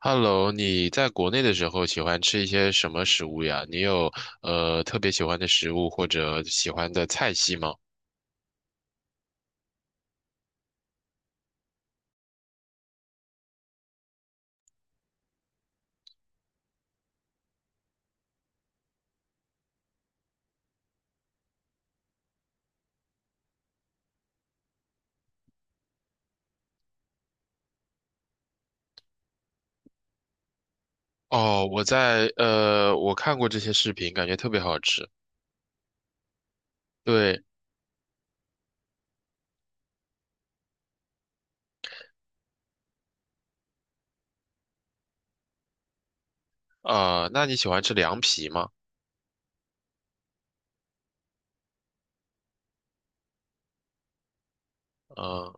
Hello，你在国内的时候喜欢吃一些什么食物呀？你有特别喜欢的食物或者喜欢的菜系吗？哦，我在我看过这些视频，感觉特别好吃。对，那你喜欢吃凉皮吗？嗯、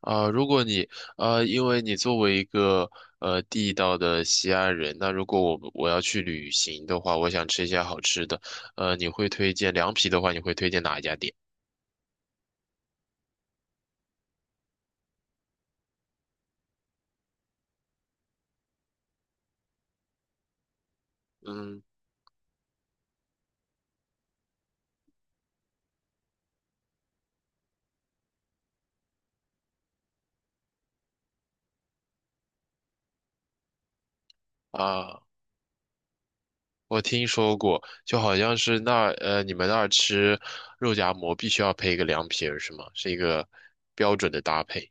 呃，如果你呃，因为你作为一个地道的西安人，那如果我要去旅行的话，我想吃一些好吃的，你会推荐凉皮的话，你会推荐哪一家店？嗯啊。我听说过，就好像是那儿你们那儿吃肉夹馍必须要配一个凉皮儿，是吗？是一个标准的搭配。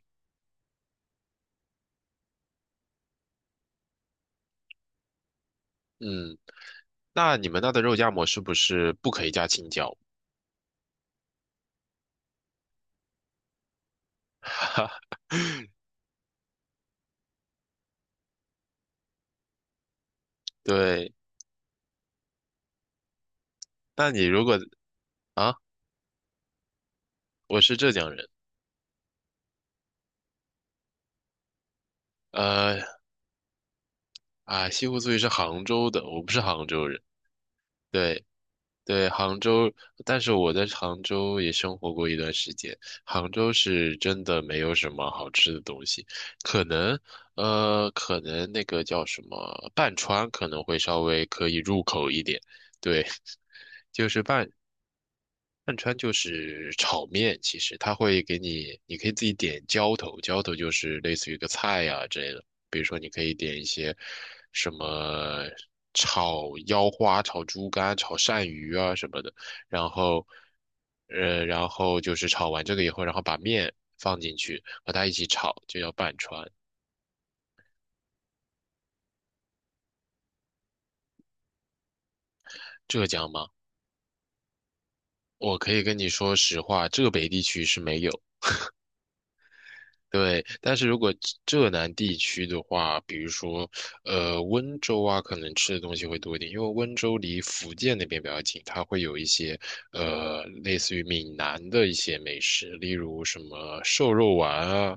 嗯，那你们那的肉夹馍是不是不可以加青椒？对，那你如果啊，我是浙江人，呃，啊，西湖醋鱼是杭州的，我不是杭州人。对，对，杭州，但是我在杭州也生活过一段时间。杭州是真的没有什么好吃的东西，可能，可能那个叫什么，半川可能会稍微可以入口一点。对，就是半饭川就是炒面，其实它会给你，你可以自己点浇头，浇头就是类似于一个菜呀、之类的。比如说，你可以点一些什么炒腰花、炒猪肝、炒鳝鱼啊什么的。然后，然后就是炒完这个以后，然后把面放进去，和它一起炒，就叫拌川。浙江吗？我可以跟你说实话，浙北地区是没有。对，但是如果浙南地区的话，比如说，温州啊，可能吃的东西会多一点，因为温州离福建那边比较近，它会有一些，类似于闽南的一些美食，例如什么瘦肉丸啊，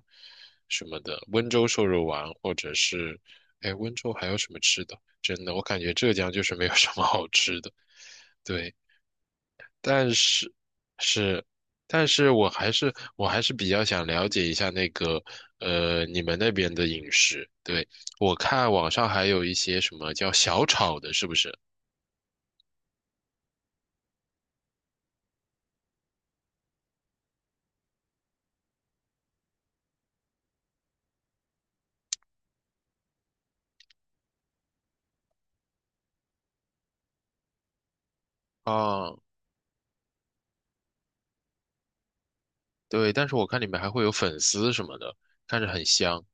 什么的，温州瘦肉丸，或者是，哎，温州还有什么吃的？真的，我感觉浙江就是没有什么好吃的。对，但是是，但是我还是比较想了解一下那个你们那边的饮食。对，我看网上还有一些什么叫小炒的，是不是？啊，对，但是我看里面还会有粉丝什么的，看着很香。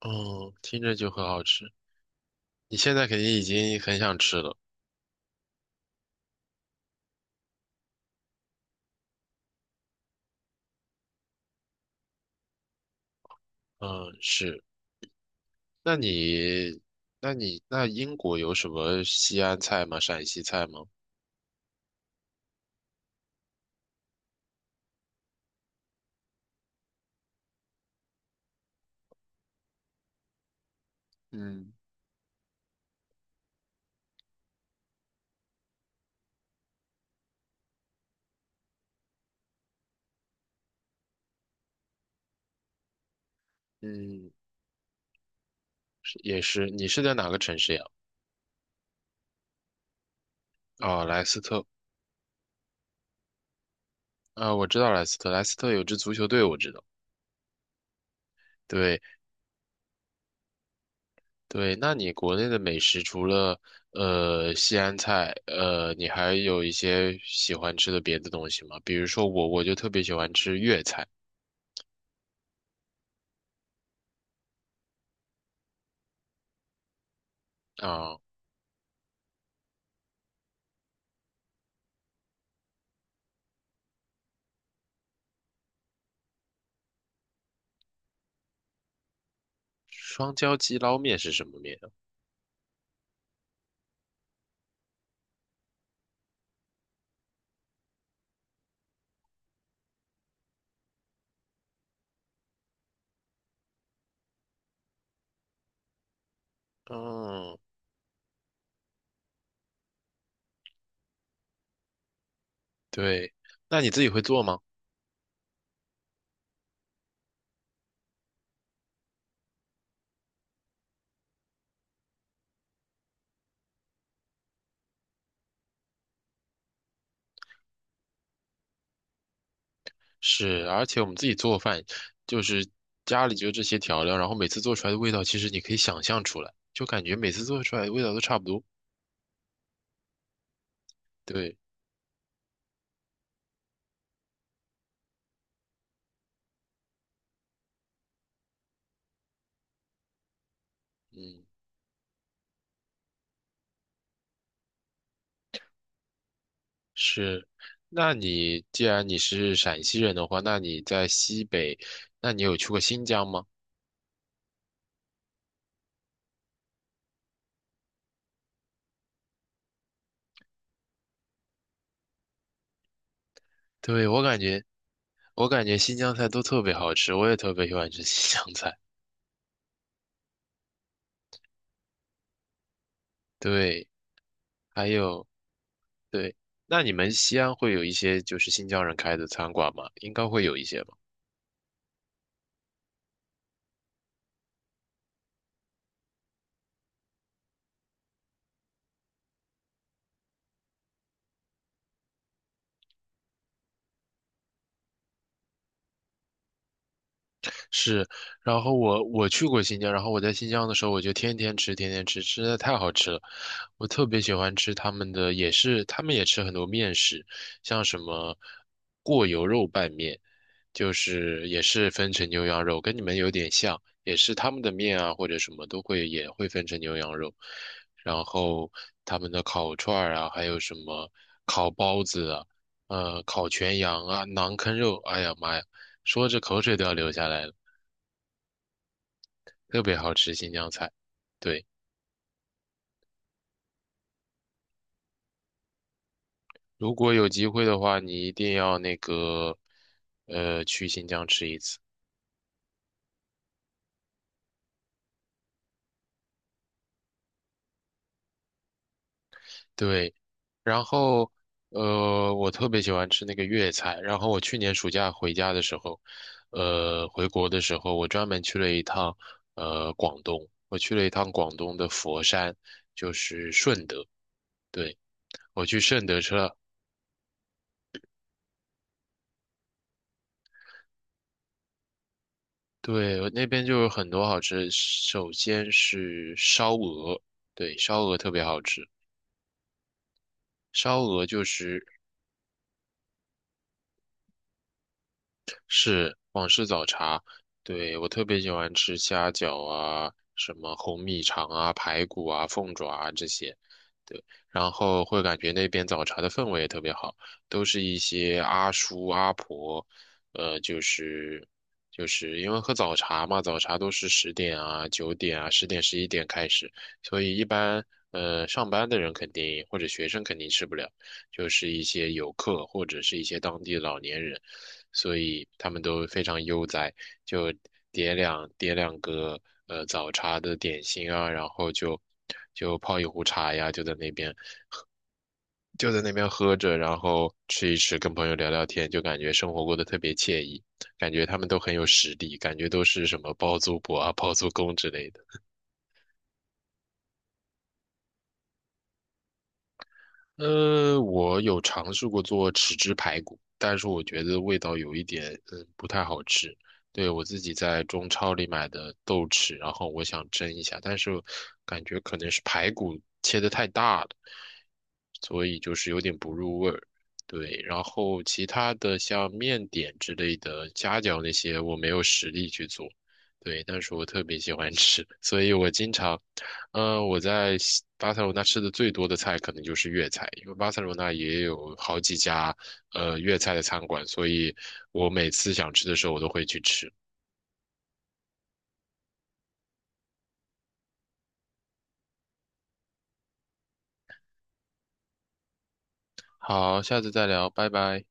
嗯，听着就很好吃。你现在肯定已经很想吃了。嗯，是。那你，那英国有什么西安菜吗？陕西菜吗？嗯嗯，也是，你是在哪个城市呀？啊，莱斯特啊，我知道莱斯特，莱斯特有支足球队，我知道。对对，那你国内的美食除了西安菜，你还有一些喜欢吃的别的东西吗？比如说我就特别喜欢吃粤菜啊，双椒鸡捞面是什么面啊？嗯，对，那你自己会做吗？是，而且我们自己做饭，就是家里就这些调料，然后每次做出来的味道，其实你可以想象出来，就感觉每次做出来的味道都差不多。对，嗯，是。那你既然你是陕西人的话，那你在西北，那你有去过新疆吗？对，我感觉，我感觉新疆菜都特别好吃，我也特别喜欢吃新疆菜。对，还有，对，那你们西安会有一些就是新疆人开的餐馆吗？应该会有一些吧。是，然后我去过新疆，然后我在新疆的时候，我就天天吃，天天吃，吃的太好吃了。我特别喜欢吃他们的，也是他们也吃很多面食，像什么过油肉拌面，就是也是分成牛羊肉，跟你们有点像，也是他们的面啊或者什么都会也会分成牛羊肉，然后他们的烤串儿啊，还有什么烤包子啊，烤全羊啊，馕坑肉，哎呀妈呀！说着口水都要流下来了。特别好吃新疆菜。对，如果有机会的话，你一定要那个，去新疆吃一次。对，然后，我特别喜欢吃那个粤菜。然后我去年暑假回家的时候，回国的时候，我专门去了一趟，广东。我去了一趟广东的佛山，就是顺德。对，我去顺德吃了。对，我那边就有很多好吃的，首先是烧鹅，对，烧鹅特别好吃。烧鹅就是是广式早茶，对，我特别喜欢吃虾饺啊，什么红米肠啊、排骨啊、凤爪啊这些，对，然后会感觉那边早茶的氛围也特别好，都是一些阿叔阿婆，就是就是因为喝早茶嘛，早茶都是十点啊、九点啊、十点、十一点开始，所以一般上班的人肯定或者学生肯定吃不了，就是一些游客或者是一些当地老年人。所以他们都非常悠哉，就叠两个早茶的点心啊，然后就泡一壶茶呀，就在那边喝着，然后吃一吃，跟朋友聊聊天，就感觉生活过得特别惬意，感觉他们都很有实力，感觉都是什么包租婆啊、包租公之类的。我有尝试过做豉汁排骨，但是我觉得味道有一点，嗯，不太好吃。对，我自己在中超里买的豆豉，然后我想蒸一下，但是感觉可能是排骨切得太大了，所以就是有点不入味儿。对，然后其他的像面点之类的夹饺那些，我没有实力去做。对，但是我特别喜欢吃，所以我经常嗯，我在西巴塞罗那吃的最多的菜可能就是粤菜，因为巴塞罗那也有好几家粤菜的餐馆，所以我每次想吃的时候我都会去吃。好，下次再聊，拜拜。